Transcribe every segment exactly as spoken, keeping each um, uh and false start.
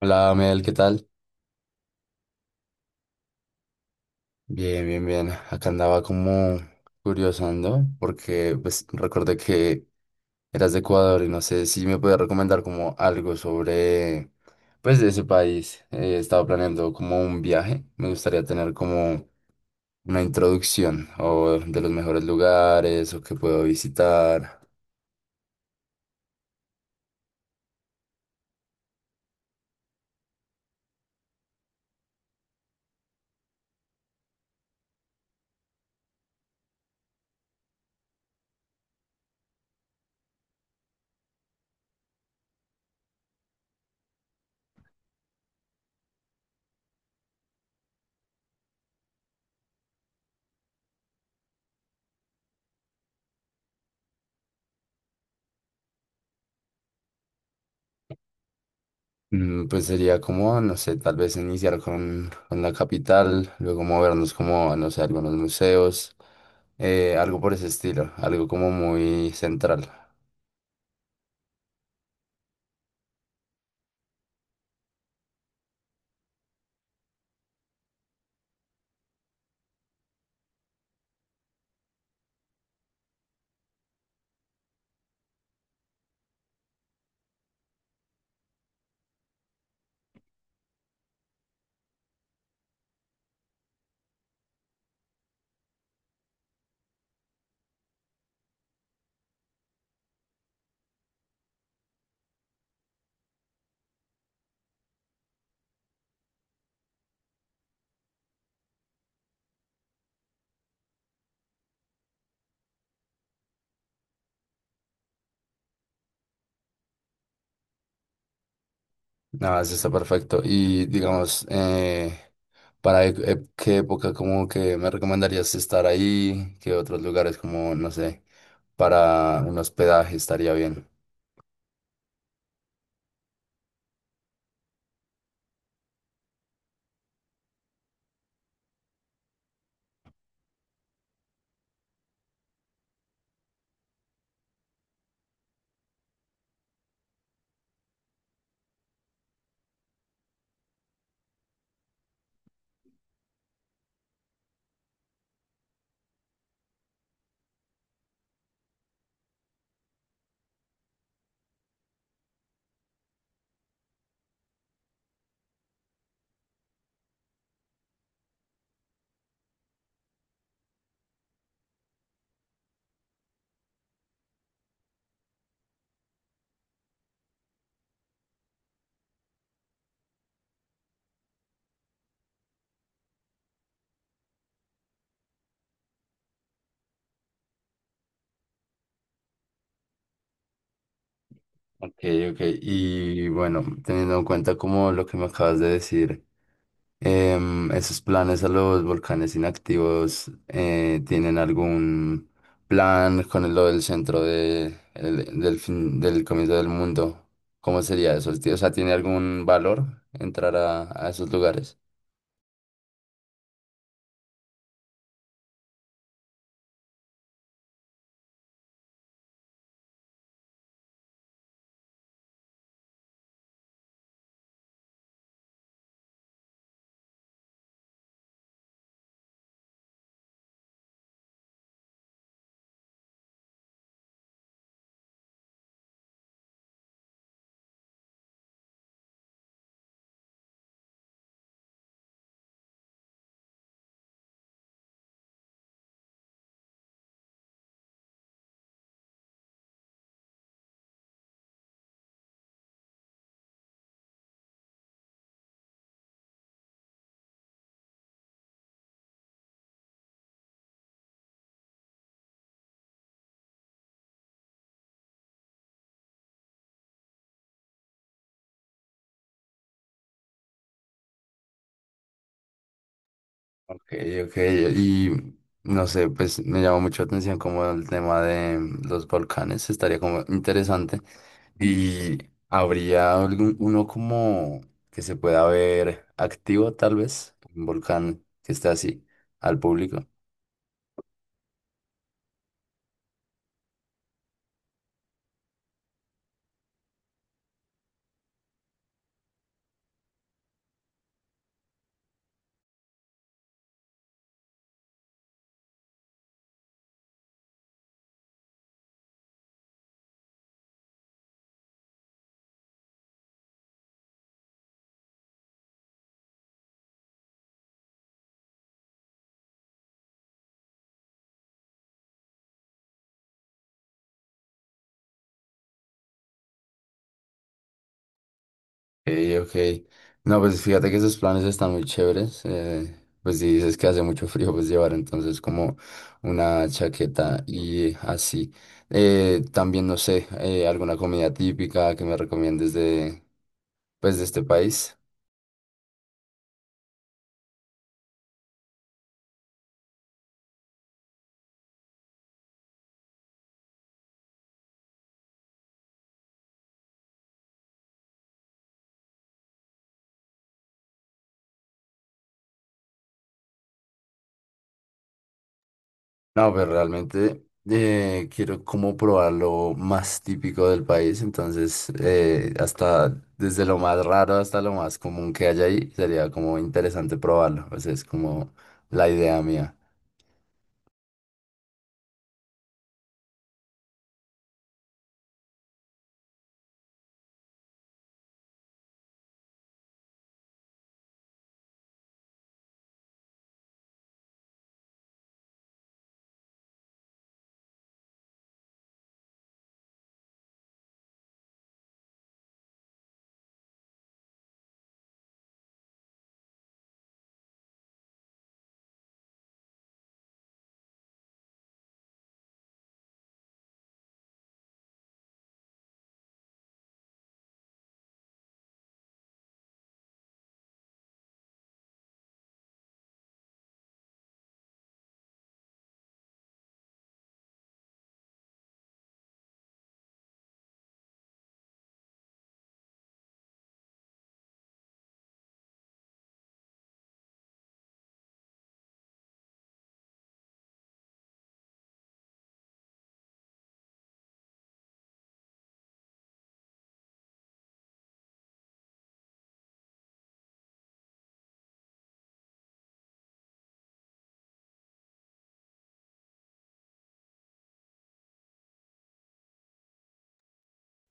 Hola, Mel, ¿qué tal? Bien, bien, bien. Acá andaba como curiosando porque pues recordé que eras de Ecuador y no sé si me puedes recomendar como algo sobre pues de ese país. Eh, estaba planeando como un viaje. Me gustaría tener como una introducción o de los mejores lugares o que puedo visitar. Mm, Pues sería como, no sé, tal vez iniciar con, con la capital, luego movernos como, no sé, algunos museos, eh, algo por ese estilo, algo como muy central. Nada, eso está perfecto. Y digamos, eh, ¿para e- e- qué época como que me recomendarías estar ahí? ¿Qué otros lugares como, no sé, para un hospedaje estaría bien? Ok, ok. Y bueno, teniendo en cuenta como lo que me acabas de decir. Em, ¿esos planes a los volcanes inactivos eh, tienen algún plan con el- lo del centro de, el- del fin, del comienzo del mundo? ¿Cómo sería eso? O sea, ¿tiene algún valor entrar a, a esos lugares? Ok, ok, y no sé, pues me llamó mucho la atención como el tema de los volcanes, estaría como interesante. Y habría algún, uno como que se pueda ver activo, tal vez, un volcán que esté así al público. Ok, ok. No, pues fíjate que esos planes están muy chéveres. eh, pues si dices que hace mucho frío, pues llevar entonces como una chaqueta y así. Eh, también, no sé, eh, alguna comida típica que me recomiendes de, pues, de este país. No, pero realmente eh, quiero como probar lo más típico del país, entonces eh, hasta desde lo más raro hasta lo más común que haya ahí, sería como interesante probarlo, o sea, es como la idea mía.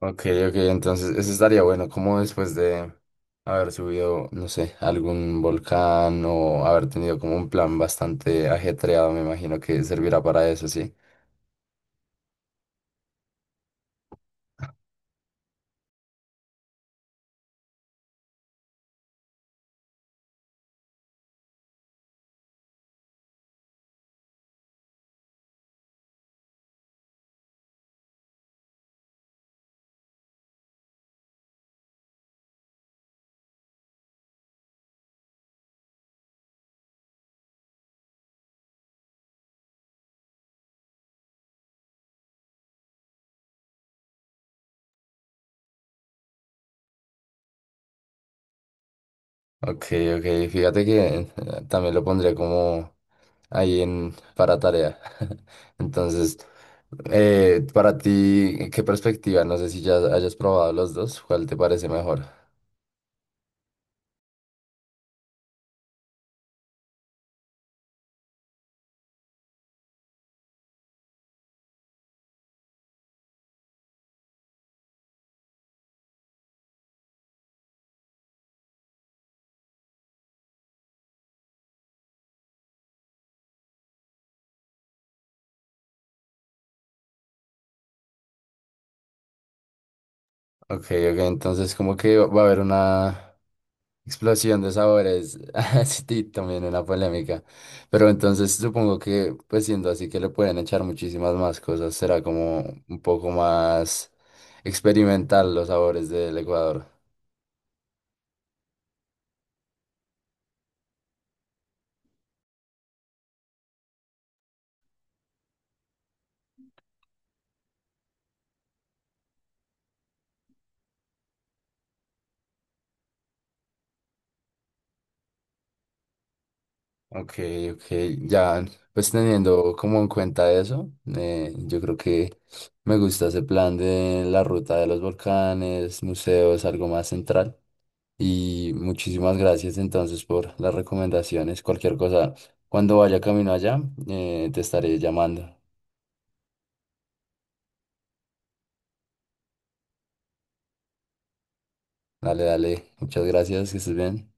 Ok, ok, entonces eso estaría bueno, como después de haber subido, no sé, algún volcán o haber tenido como un plan bastante ajetreado, me imagino que servirá para eso, sí. Ok, ok, fíjate que eh, también lo pondría como ahí en, para tarea. Entonces, eh, para ti, ¿qué perspectiva? No sé si ya hayas probado los dos, ¿cuál te parece mejor? Ok, ok, entonces como que va a haber una explosión de sabores, sí, también una polémica, pero entonces supongo que pues siendo así que le pueden echar muchísimas más cosas, será como un poco más experimental los sabores del Ecuador. Ok, ok, ya, pues teniendo como en cuenta eso, eh, yo creo que me gusta ese plan de la ruta de los volcanes, museos, algo más central. Y muchísimas gracias entonces por las recomendaciones. Cualquier cosa, cuando vaya camino allá, eh, te estaré llamando. Dale, dale, muchas gracias, que estés bien.